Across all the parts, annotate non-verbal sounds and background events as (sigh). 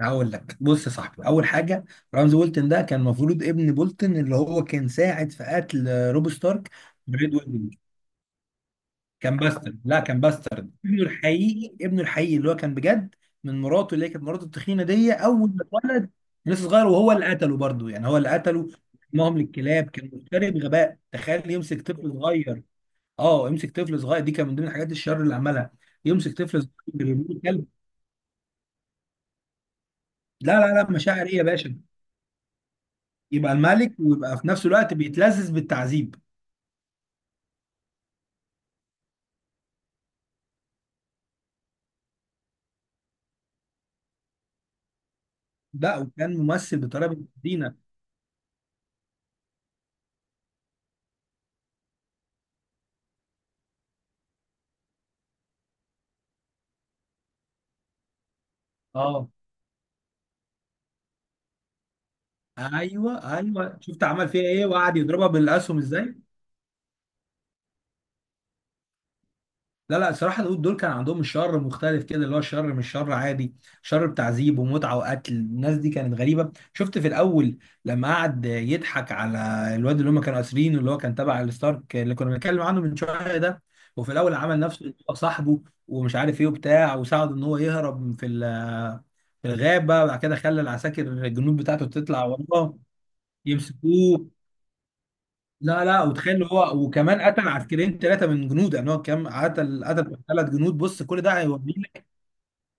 هقول لك بص يا صاحبي، اول حاجه رمز بولتن ده كان المفروض ابن بولتن اللي هو كان ساعد في قتل روب ستارك بريد ويدنج. كان باسترد، لا كان باسترد ابنه الحقيقي، ابنه الحقيقي اللي هو كان بجد من مراته، اللي هي كانت مراته التخينه دي. اول ما اتولد لسه صغير وهو اللي قتله برضه، يعني هو اللي قتله. مهم للكلاب، كان مفتري بغباء. تخيل يمسك طفل صغير، اه يمسك طفل صغير، دي كان من ضمن الحاجات الشر اللي عملها. يمسك طفل صغير يرميه كلب. لا لا لا، مشاعر ايه يا باشا؟ يبقى الملك ويبقى في نفس الوقت بيتلذذ بالتعذيب. لا وكان ممثل بطريقه بنت لذينه. اه ايوه ايوه، شفت عمل فيها ايه وقعد يضربها بالاسهم ازاي. لا لا، الصراحة دول دول كان عندهم الشر مختلف كده، اللي هو الشر مش شر عادي. شر بتعذيب ومتعة وقتل الناس، دي كانت غريبة. شفت في الأول لما قعد يضحك على الواد اللي هم كانوا أسرينه، اللي هو كان تبع الستارك اللي كنا بنتكلم عنه من شوية ده. وفي الأول عمل نفسه إن هو صاحبه ومش عارف إيه وبتاع، وساعده إن هو يهرب في في الغابة، وبعد كده خلى العساكر الجنود بتاعته تطلع وراه يمسكوه. لا لا، وتخيل هو وكمان قتل عسكريين، ثلاثه من جنود. يعني هو كام قتل؟ قتل ثلاث جنود. بص كل ده هيوريك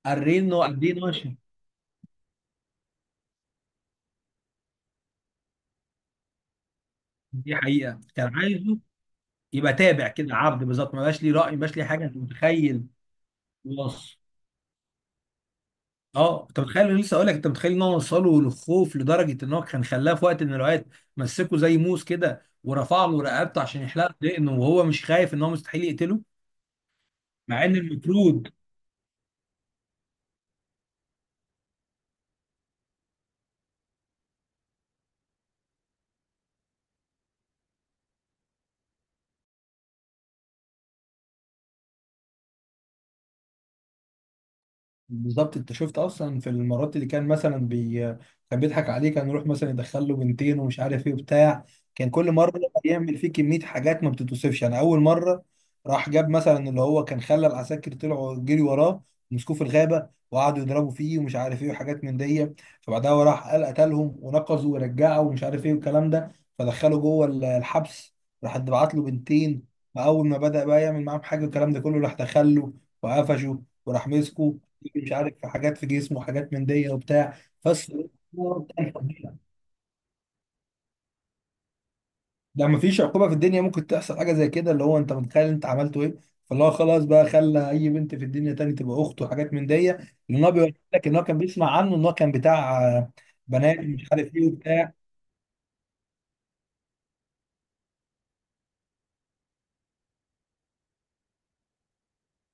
قرين انه قد ايه ناشف. دي حقيقه كان عايزه يبقى تابع كده، عبد بالظبط. ما بقاش ليه راي، ما بقاش ليه حاجه، انت متخيل؟ وص اه انت متخيل. أنا لسه اقول لك، انت متخيل ان هو وصله للخوف لدرجه ان هو كان خلاه في وقت من الاوقات مسكه زي موس كده ورفع له رقبته عشان يحلق دقنه، وهو مش خايف ان هو مستحيل يقتله. مع ان المفروض بالظبط. انت شفت اصلا في المرات اللي كان مثلا كان بيضحك عليه. كان يروح مثلا يدخل له بنتين ومش عارف ايه وبتاع. كان كل مره يعمل فيه كميه حاجات ما بتتوصفش. يعني اول مره راح جاب مثلا اللي هو كان خلى العساكر طلعوا جري وراه، مسكوه في الغابه وقعدوا يضربوا فيه ومش عارف ايه وحاجات من دي. فبعدها هو راح قال قتلهم ونقزوا ورجعوا ومش عارف ايه والكلام ده، فدخله جوه الحبس. راح بعت له بنتين، فاول ما بدأ بقى يعمل معاهم حاجه الكلام ده كله راح دخله، وقفشه وراح مسكه. مش عارف في حاجات في جسمه وحاجات من دي وبتاع بس. ده ما فيش عقوبه في الدنيا ممكن تحصل حاجه زي كده، اللي هو انت متخيل انت عملته ايه؟ فاللي هو خلاص بقى، خلى اي بنت في الدنيا تاني تبقى اخته وحاجات من دي. لان هو بيقول لك ان هو كان بيسمع عنه ان هو كان بتاع بنات مش عارف ايه وبتاع.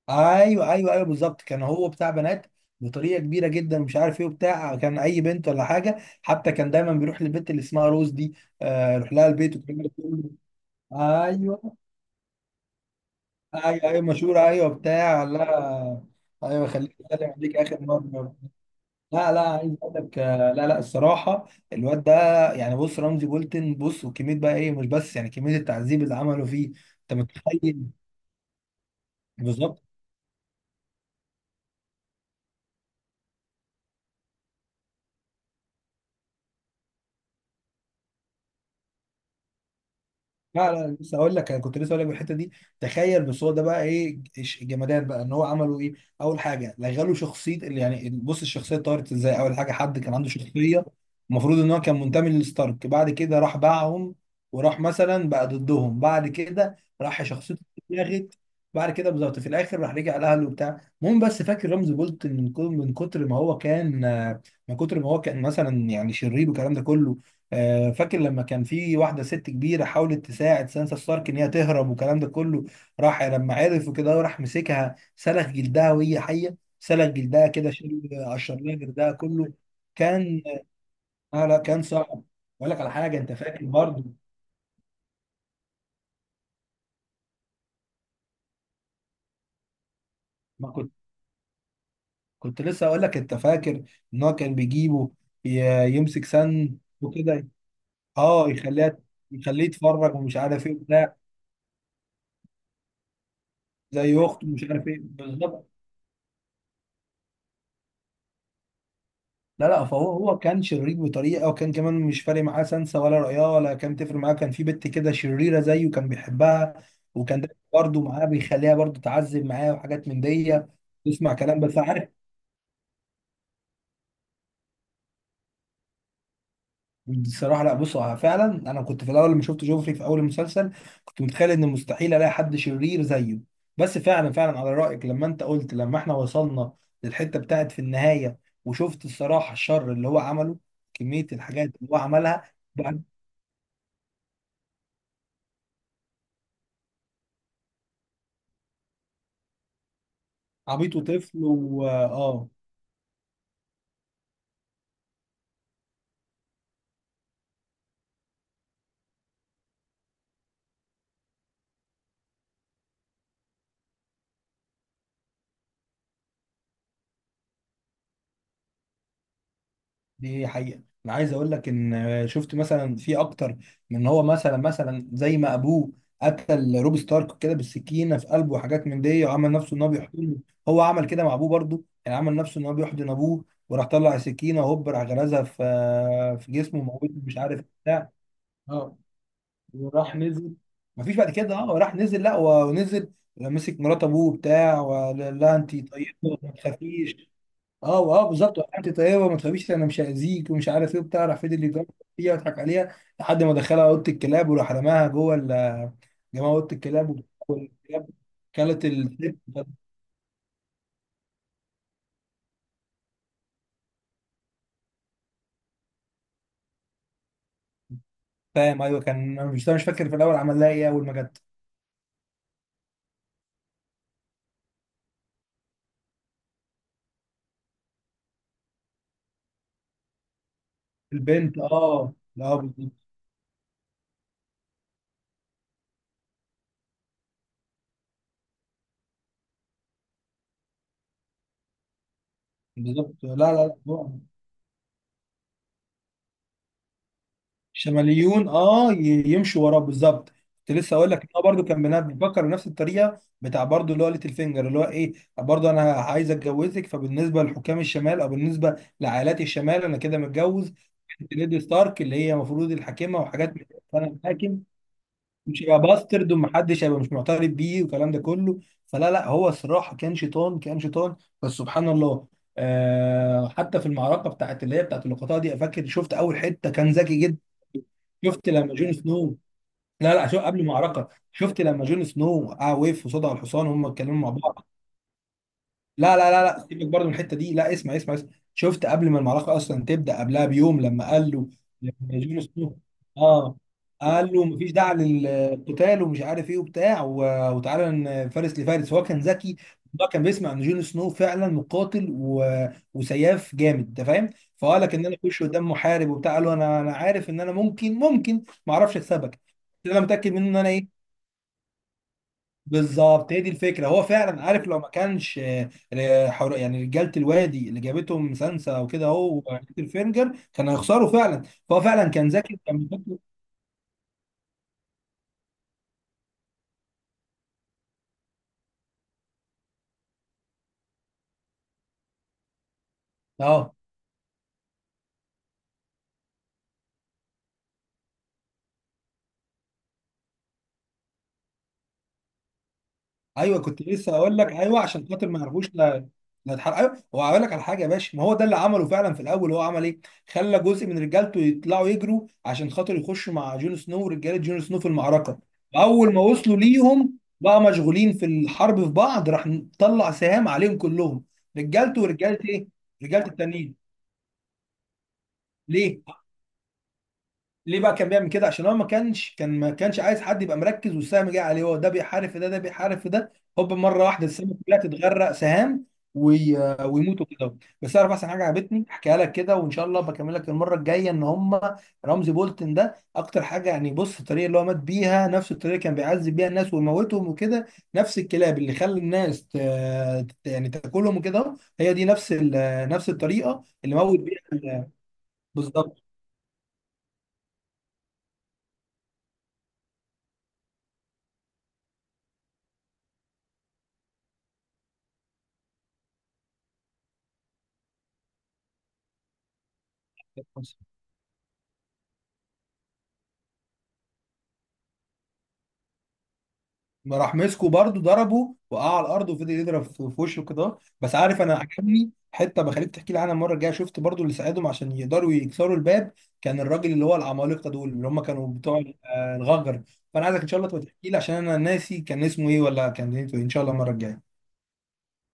ايوه ايوه ايوه بالظبط، كان هو بتاع بنات بطريقه كبيره جدا مش عارف ايه وبتاع. كان اي بنت ولا حاجه. حتى كان دايما بيروح للبنت اللي اسمها روز دي، يروح لها البيت وكده. ايوه ايوه ايوه مشهورة، ايوه بتاع لا. ايوه خليك، اسلم عليك اخر مره. لا لا، عايز اقول لك لا لا، الصراحه الواد ده، يعني بص رمزي بولتن، بص وكميه بقى ايه، مش بس يعني كميه التعذيب اللي عمله فيه. انت متخيل بالظبط. لا لا لسه اقول لك، انا كنت لسه اقول لك بالحته دي. تخيل بس هو ده بقى ايه الجمدان بقى ان هو عملوا ايه. اول حاجه لغلوا شخصيه، اللي يعني بص الشخصيه اتطورت ازاي. اول حاجه حد كان عنده شخصيه، المفروض ان هو كان منتمي للستارك، بعد كده راح باعهم وراح مثلا بقى ضدهم. بعد كده راح شخصيته اتلغت، بعد كده بالظبط في الاخر راح رجع لاهله وبتاع. المهم بس فاكر رمزي من كتر ما هو كان من كتر ما هو كان مثلا يعني شرير والكلام ده كله. فاكر لما كان في واحدة ست كبيرة حاولت تساعد سانسا ستارك إن هي تهرب والكلام ده كله، راح لما عرف وكده وراح مسكها سلخ جلدها وهي حية، سلخ جلدها كده شال قشر لها جلدها كله. كان آه لا كان صعب. أقول لك على حاجة أنت فاكر برضه. ما كنت كنت لسه أقول لك أنت فاكر إن هو كان بيجيبه يمسك سن وكده. أه يخليها، يخليه يتفرج ومش عارف إيه وبتاع. زي أخته ومش عارف إيه بالظبط. لا لا، فهو هو كان شرير بطريقه، وكان كمان مش فارق معاه سنسة ولا رعاه ولا. كان تفرق معاه كان في بنت كده شريره زيه كان بيحبها، وكان ده برضه معاه بيخليها برضه تعذب معاه وحاجات من دي. تسمع كلام بس عارف. بصراحه لا، بص هو فعلا. انا كنت في الاول لما شفت جوفري في اول المسلسل كنت متخيل ان مستحيل الاقي حد شرير زيه. بس فعلا فعلا على رايك، لما انت قلت لما احنا وصلنا للحته بتاعت في النهايه، وشفت الصراحه الشر اللي هو عمله، كميه الحاجات اللي هو عملها. عبيط وطفل و اه دي حقيقة. انا عايز اقول لك ان شفت مثلا في اكتر من ان هو مثلا، مثلا زي ما ابوه قتل روب ستارك كده بالسكينة في قلبه وحاجات من دي وعمل نفسه ان هو بيحضنه. هو عمل كده مع ابوه برضه، يعني عمل نفسه ان هو بيحضن ابوه وراح طلع السكينة وهوب راح غرزها في في جسمه وموته مش عارف بتاع. اه وراح نزل. مفيش بعد كده، اه راح نزل، لا ونزل مسك مرات ابوه بتاع، ولا لا انت طيبه ما تخافيش. اه اه بالظبط، وقعت طيبه وما تخافيش انا مش هاذيك ومش عارف ايه وبتاع. راح فضل اللي يجرب فيها ويضحك عليها لحد ما دخلها اوضه الكلاب، وراح رماها جوه جماعه اوضه الكلاب، والكلاب كلت الست (laughs) فاهم ايوه. كان أنا مش مش فاكر في الاول عمل لها ايه اول ما جت البنت. اه لا بالظبط. بالظبط. لا لا لا. شماليون اه يمشوا وراه بالظبط. كنت لسه اقول لك ان هو برضه كان بيفكر بنفس الطريقه بتاع برضه، اللي هو ليتل فينجر اللي هو ايه. برضه انا عايز اتجوزك، فبالنسبه لحكام الشمال او بالنسبه لعائلات الشمال انا كده متجوز ليدي ستارك، اللي هي المفروض الحاكمه وحاجات من كده، فانا الحاكم. مش هيبقى باسترد ومحدش هيبقى مش معترف بيه والكلام ده كله. فلا لا هو الصراحه كان شيطان، كان شيطان. بس سبحان الله، آه حتى في المعركه بتاعت اللي هي بتاعت اللقطات دي. فاكر شفت اول حته كان ذكي جدا؟ شفت لما جون سنو، لا لا شو قبل المعركه. شفت لما جون سنو آه وقف قصاد الحصان هم اتكلموا مع بعض. لا لا لا لا سيبك برضه من الحته دي، لا اسمع اسمع اسمع. شفت قبل ما المعركه اصلا تبدا، قبلها بيوم لما قال له، لما جون سنو اه قال له مفيش داعي للقتال ومش عارف ايه وبتاع، وتعالى فارس لفارس. هو كان ذكي. هو كان بيسمع ان جون سنو فعلا مقاتل و... وسياف جامد انت فاهم؟ فقال لك ان انا اخش قدام محارب وبتاع، قال له انا انا عارف ان انا ممكن ممكن ما اعرفش اكسبك، بس انا متاكد منه ان انا ايه. بالظبط، هي دي الفكره. هو فعلا عارف لو ما كانش يعني رجاله الوادي اللي جابتهم سانسا وكده اهو وبيتر فينجر كانوا هيخسروا فعلا. فهو فعلا كان ذكي كان بيحط. اه ايوه كنت لسه اقول لك، ايوه عشان خاطر ما يعرفوش لا، لا اتحرق. ايوه هو، هقول لك على حاجه يا باشا. ما هو ده اللي عمله فعلا في الاول، هو عمل ايه؟ خلى جزء من رجالته يطلعوا يجروا عشان خاطر يخشوا مع جون سنو ورجاله جون سنو في المعركه. اول ما وصلوا ليهم بقى مشغولين في الحرب في بعض، راح طلع سهام عليهم كلهم، رجالته ورجاله ايه؟ رجاله التانيين. ليه؟ ليه بقى كان بيعمل كده؟ عشان هو ما كانش كان ما كانش عايز حد يبقى مركز والسهم جاي عليه. هو ده بيحارب في ده ده بيحارب في ده، هوب مره واحده السهم كلها تتغرق سهام وي... ويموتوا كده. بس اعرف احسن حاجه عجبتني احكيها لك كده، وان شاء الله بكمل لك المره الجايه ان هم رمزي بولتن ده اكتر حاجه، يعني بص الطريقه اللي هو مات بيها نفس الطريقه اللي كان بيعذب بيها الناس ويموتهم وكده. نفس الكلاب اللي خلى الناس يعني تاكلهم وكده، هي دي نفس الطريقه اللي موت بيها بالظبط. ما راح مسكه برضه ضربه وقع على الارض وفضل يضرب في في وشه كده. بس عارف انا عجبني حته بخليك تحكي لي عنها المره الجايه، شفت برضه اللي ساعدهم عشان يقدروا يكسروا الباب؟ كان الراجل اللي هو العمالقه دول اللي هم كانوا بتوع الغجر. فانا عايزك ان شاء الله تبقى تحكي لي عشان انا ناسي كان اسمه ايه ولا كان دنيته ايه. طيب، ان شاء الله المره الجايه.